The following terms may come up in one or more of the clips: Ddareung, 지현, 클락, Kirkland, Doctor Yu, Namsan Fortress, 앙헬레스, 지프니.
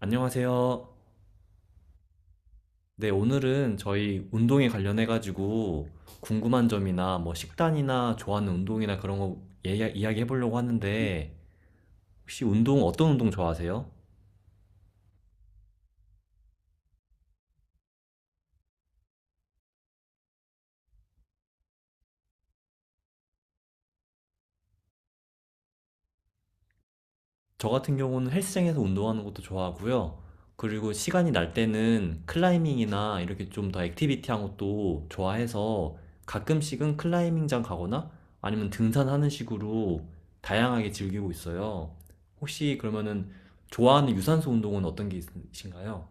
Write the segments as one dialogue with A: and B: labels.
A: 안녕하세요. 네, 오늘은 저희 운동에 관련해가지고 궁금한 점이나 뭐 식단이나 좋아하는 운동이나 그런 거 이야기해보려고 하는데 혹시 운동 어떤 운동 좋아하세요? 저 같은 경우는 헬스장에서 운동하는 것도 좋아하고요. 그리고 시간이 날 때는 클라이밍이나 이렇게 좀 더 액티비티한 것도 좋아해서 가끔씩은 클라이밍장 가거나 아니면 등산하는 식으로 다양하게 즐기고 있어요. 혹시 그러면은 좋아하는 유산소 운동은 어떤 게 있으신가요?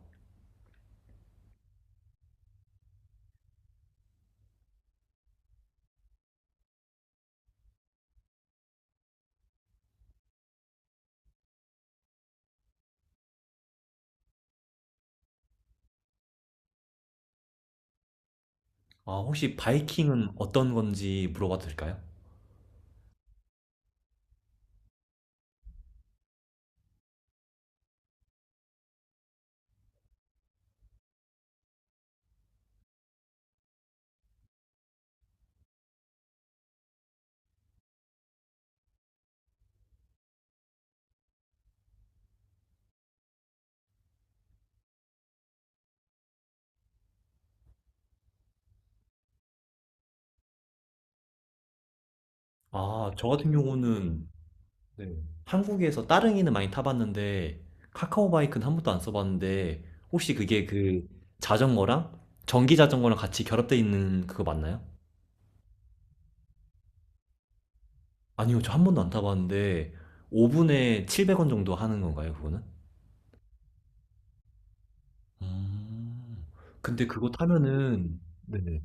A: 아, 혹시 바이킹은 어떤 건지 물어봐도 될까요? 아, 저 같은 경우는. 네. 한국에서 따릉이는 많이 타봤는데 카카오바이크는 한 번도 안 써봤는데 혹시 그게 그 자전거랑 전기 자전거랑 같이 결합되어 있는 그거 맞나요? 아니요, 저 한 번도 안 타봤는데 5분에 700원 정도 하는 건가요, 그거는? 음, 근데 그거 타면은. 네네.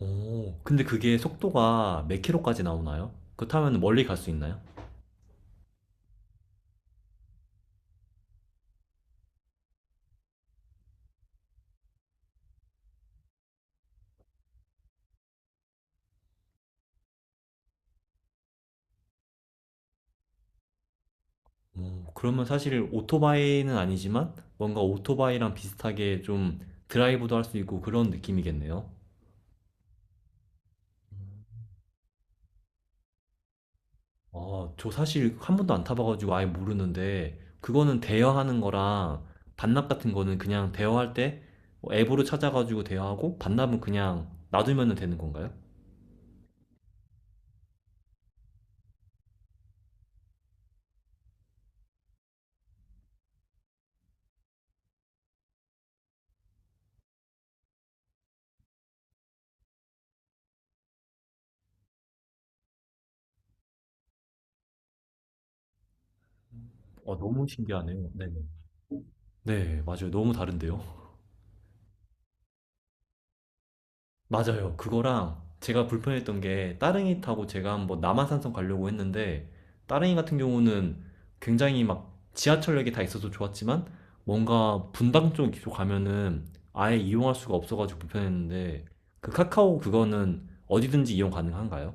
A: 오, 근데 그게 속도가 몇 킬로까지 나오나요? 그거 타면 멀리 갈 수 있나요? 어, 그러면 사실 오토바이는 아니지만 뭔가 오토바이랑 비슷하게 좀 드라이브도 할 수 있고 그런 느낌이겠네요. 어, 저 사실 한 번도 안 타봐가지고 아예 모르는데 그거는 대여하는 거랑 반납 같은 거는 그냥 대여할 때뭐 앱으로 찾아가지고 대여하고 반납은 그냥 놔두면 되는 건가요? 어, 너무 신기하네요. 네네. 네, 맞아요. 너무 다른데요. 맞아요. 그거랑 제가 불편했던 게 따릉이 타고 제가 한번 남한산성 가려고 했는데, 따릉이 같은 경우는 굉장히 막 지하철역이 다 있어서 좋았지만 뭔가 분당 쪽으쪽 가면은 아예 이용할 수가 없어가지고 불편했는데, 그 카카오 그거는 어디든지 이용 가능한가요?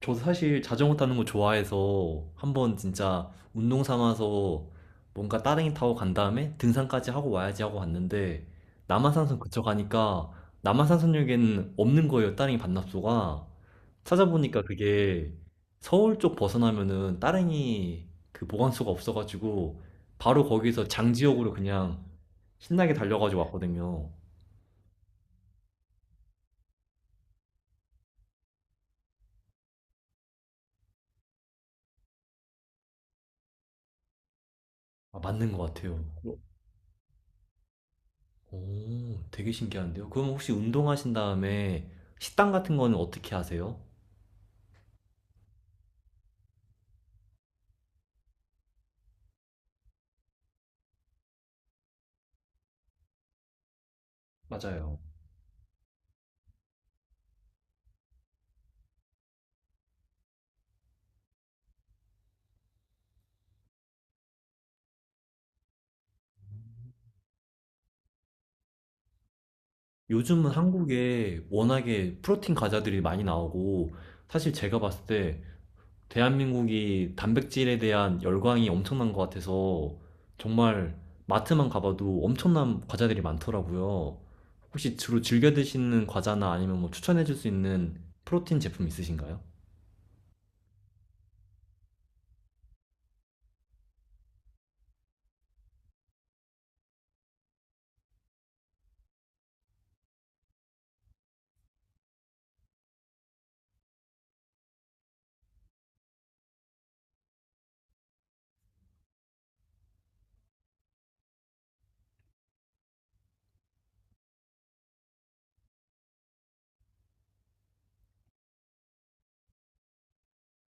A: 저도 사실 자전거 타는 거 좋아해서 한번 진짜 운동 삼아서 뭔가 따릉이 타고 간 다음에 등산까지 하고 와야지 하고 갔는데, 남한산성 그쳐 가니까 남한산성역에는 없는 거예요, 따릉이 반납소가. 찾아보니까 그게 서울 쪽 벗어나면은 따릉이 그 보관소가 없어가지고 바로 거기서 장지역으로 그냥 신나게 달려가지고 왔거든요. 아, 맞는 것 같아요. 오, 되게 신기한데요. 그럼 혹시 운동하신 다음에 식단 같은 거는 어떻게 하세요? 맞아요. 요즘은 한국에 워낙에 프로틴 과자들이 많이 나오고, 사실 제가 봤을 때 대한민국이 단백질에 대한 열광이 엄청난 것 같아서, 정말 마트만 가봐도 엄청난 과자들이 많더라고요. 혹시 주로 즐겨 드시는 과자나 아니면 뭐 추천해 줄 수 있는 프로틴 제품 있으신가요?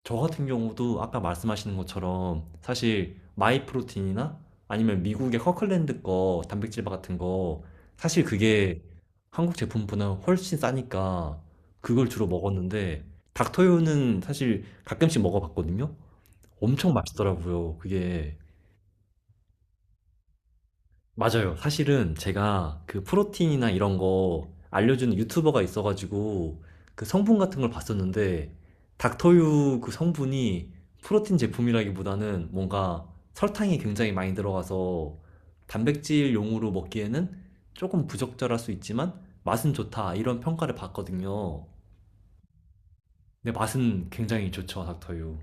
A: 저 같은 경우도 아까 말씀하시는 것처럼 사실 마이프로틴이나 아니면 미국의 커클랜드 거 단백질 바 같은 거, 사실 그게 한국 제품보다 훨씬 싸니까 그걸 주로 먹었는데, 닥터유는 사실 가끔씩 먹어봤거든요. 엄청 맛있더라고요, 그게. 맞아요. 사실은 제가 그 프로틴이나 이런 거 알려주는 유튜버가 있어가지고 그 성분 같은 걸 봤었는데, 닥터유 그 성분이 프로틴 제품이라기보다는 뭔가 설탕이 굉장히 많이 들어가서 단백질용으로 먹기에는 조금 부적절할 수 있지만 맛은 좋다, 이런 평가를 받거든요. 근데 맛은 굉장히 좋죠, 닥터유.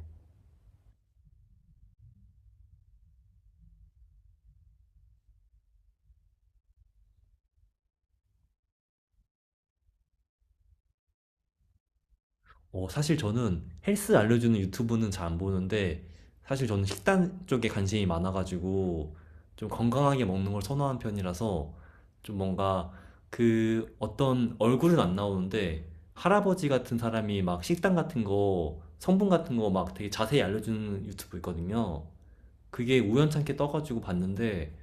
A: 어, 사실 저는 헬스 알려주는 유튜브는 잘 안 보는데, 사실 저는 식단 쪽에 관심이 많아가지고, 좀 건강하게 먹는 걸 선호하는 편이라서, 좀 뭔가 그 어떤, 얼굴은 안 나오는데 할아버지 같은 사람이 막 식단 같은 거, 성분 같은 거 막 되게 자세히 알려주는 유튜브 있거든요. 그게 우연찮게 떠가지고 봤는데,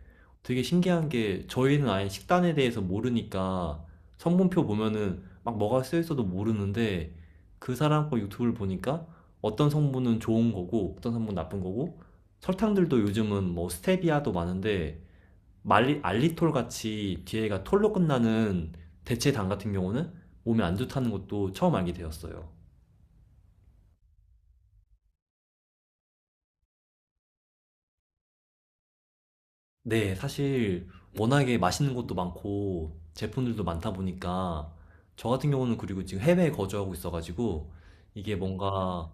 A: 되게 신기한 게 저희는 아예 식단에 대해서 모르니까 성분표 보면은 막 뭐가 쓰여 있어도 모르는데, 그 사람 거 유튜브를 보니까 어떤 성분은 좋은 거고 어떤 성분은 나쁜 거고, 설탕들도 요즘은 뭐 스테비아도 많은데 말리, 알리톨 같이 뒤에가 톨로 끝나는 대체당 같은 경우는 몸에 안 좋다는 것도 처음 알게 되었어요. 네, 사실 워낙에 맛있는 것도 많고 제품들도 많다 보니까, 저 같은 경우는 그리고 지금 해외에 거주하고 있어가지고 이게 뭔가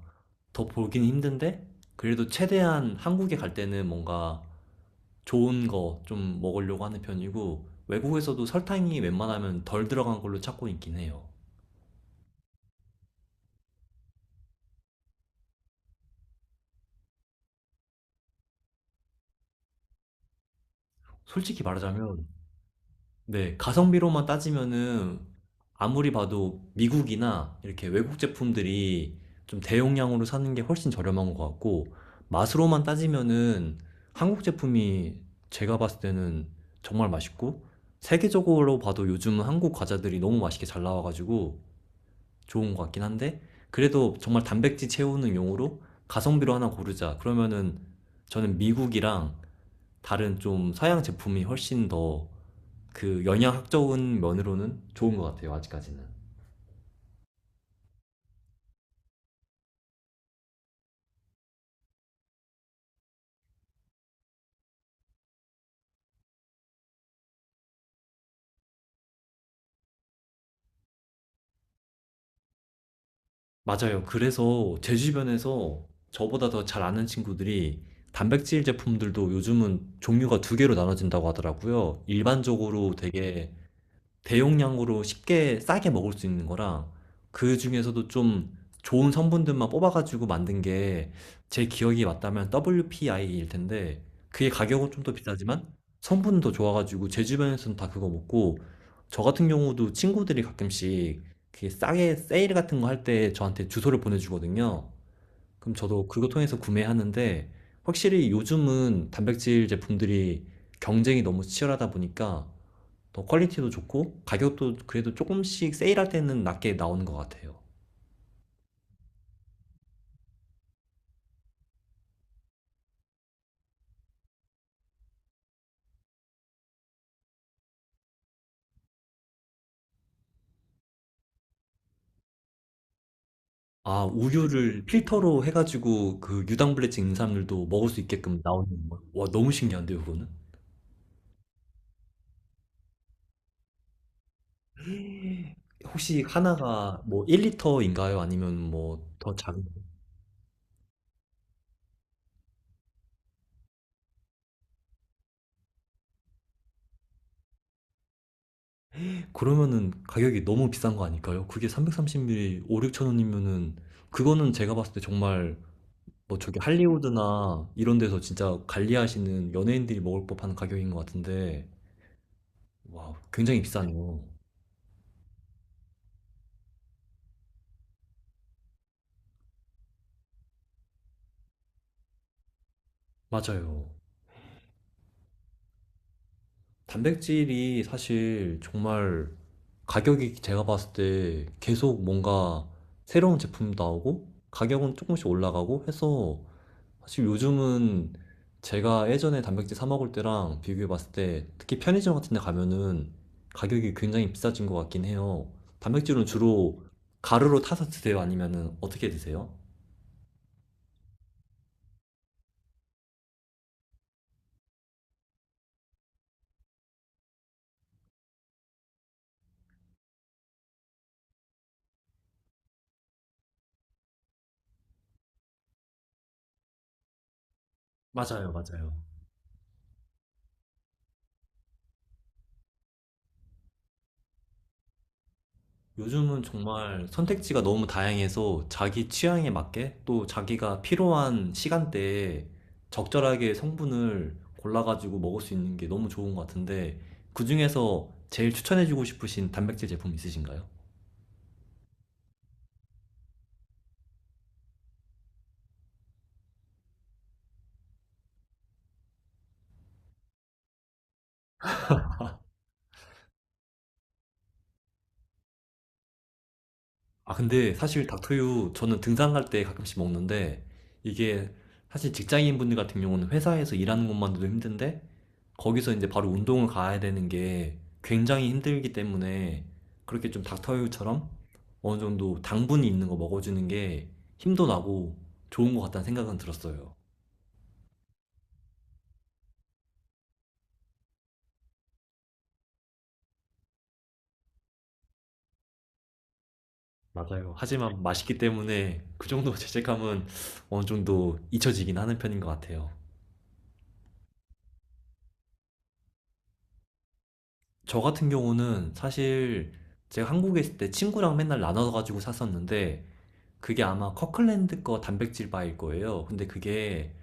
A: 더 보기는 힘든데, 그래도 최대한 한국에 갈 때는 뭔가 좋은 거 좀 먹으려고 하는 편이고, 외국에서도 설탕이 웬만하면 덜 들어간 걸로 찾고 있긴 해요. 솔직히 말하자면, 네, 가성비로만 따지면은 아무리 봐도 미국이나 이렇게 외국 제품들이 좀 대용량으로 사는 게 훨씬 저렴한 것 같고, 맛으로만 따지면은 한국 제품이 제가 봤을 때는 정말 맛있고, 세계적으로 봐도 요즘은 한국 과자들이 너무 맛있게 잘 나와가지고 좋은 것 같긴 한데, 그래도 정말 단백질 채우는 용으로 가성비로 하나 고르자 그러면은, 저는 미국이랑 다른 좀 서양 제품이 훨씬 더 그 영양학적인 면으로는 좋은 것 같아요, 아직까지는. 맞아요. 그래서 제 주변에서 저보다 더 잘 아는 친구들이 단백질 제품들도 요즘은 종류가 2개로 나눠진다고 하더라고요. 일반적으로 되게 대용량으로 쉽게 싸게 먹을 수 있는 거랑, 그 중에서도 좀 좋은 성분들만 뽑아가지고 만든 게 제 기억이 맞다면 WPI일 텐데, 그게 가격은 좀 더 비싸지만 성분은 더 좋아가지고 제 주변에서는 다 그거 먹고, 저 같은 경우도 친구들이 가끔씩 그 싸게 세일 같은 거 할 때 저한테 주소를 보내주거든요. 그럼 저도 그거 통해서 구매하는데, 확실히 요즘은 단백질 제품들이 경쟁이 너무 치열하다 보니까 더 퀄리티도 좋고 가격도 그래도 조금씩 세일할 때는 낮게 나오는 것 같아요. 아, 우유를 필터로 해가지고 그 유당불내 찍는 사람들도 먹을 수 있게끔 나오는 거. 와, 너무 신기한데요, 그거는? 혹시 하나가 뭐 1리터인가요? 아니면 뭐 더 작은? 그러면은 가격이 너무 비싼 거 아닐까요? 그게 330ml 5, 6천 원이면은, 그거는 제가 봤을 때 정말 뭐 저기 할리우드나 이런 데서 진짜 관리하시는 연예인들이 먹을 법한 가격인 것 같은데. 와, 굉장히 비싸네요. 맞아요. 단백질이 사실 정말 가격이, 제가 봤을 때 계속 뭔가 새로운 제품 나오고 가격은 조금씩 올라가고 해서, 사실 요즘은 제가 예전에 단백질 사 먹을 때랑 비교해 봤을 때 특히 편의점 같은 데 가면은 가격이 굉장히 비싸진 것 같긴 해요. 단백질은 주로 가루로 타서 드세요? 아니면은 어떻게 드세요? 맞아요, 맞아요. 요즘은 정말 선택지가 너무 다양해서 자기 취향에 맞게 또 자기가 필요한 시간대에 적절하게 성분을 골라가지고 먹을 수 있는 게 너무 좋은 것 같은데, 그중에서 제일 추천해주고 싶으신 단백질 제품 있으신가요? 아, 근데 사실 닥터유 저는 등산 갈 때 가끔씩 먹는데, 이게 사실 직장인분들 같은 경우는 회사에서 일하는 것만으로도 힘든데 거기서 이제 바로 운동을 가야 되는 게 굉장히 힘들기 때문에, 그렇게 좀 닥터유처럼 어느 정도 당분이 있는 거 먹어주는 게 힘도 나고 좋은 것 같다는 생각은 들었어요. 맞아요. 하지만 맛있기 때문에 그 정도 죄책감은 어느 정도 잊혀지긴 하는 편인 것 같아요. 저 같은 경우는, 사실 제가 한국에 있을 때 친구랑 맨날 나눠가지고 샀었는데 그게 아마 커클랜드 거 단백질 바일 거예요. 근데 그게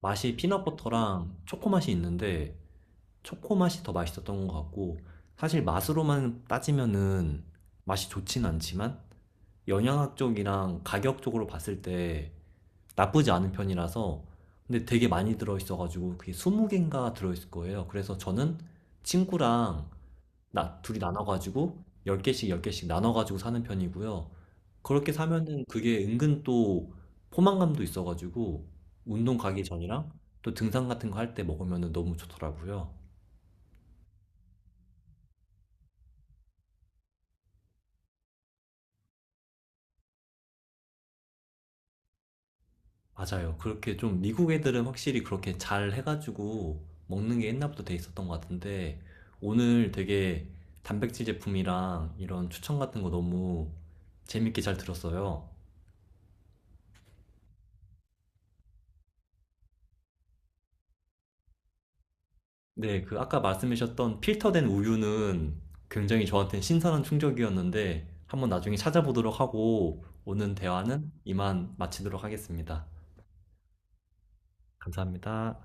A: 맛이 피넛버터랑 초코맛이 있는데 초코맛이 더 맛있었던 것 같고, 사실 맛으로만 따지면은 맛이 좋진 않지만 영양학적이랑 가격적으로 봤을 때 나쁘지 않은 편이라서. 근데 되게 많이 들어있어가지고 그게 20개인가 들어있을 거예요. 그래서 저는 친구랑 나 둘이 나눠가지고 10개씩 10개씩 나눠가지고 사는 편이고요. 그렇게 사면은 그게 은근 또 포만감도 있어가지고 운동 가기 전이랑 또 등산 같은 거 할 때 먹으면은 너무 좋더라고요. 맞아요. 그렇게 좀 미국 애들은 확실히 그렇게 잘 해가지고 먹는 게 옛날부터 돼 있었던 것 같은데, 오늘 되게 단백질 제품이랑 이런 추천 같은 거 너무 재밌게 잘 들었어요. 네, 그 아까 말씀하셨던 필터된 우유는 굉장히 저한테 신선한 충격이었는데, 한번 나중에 찾아보도록 하고 오늘 대화는 이만 마치도록 하겠습니다. 감사합니다.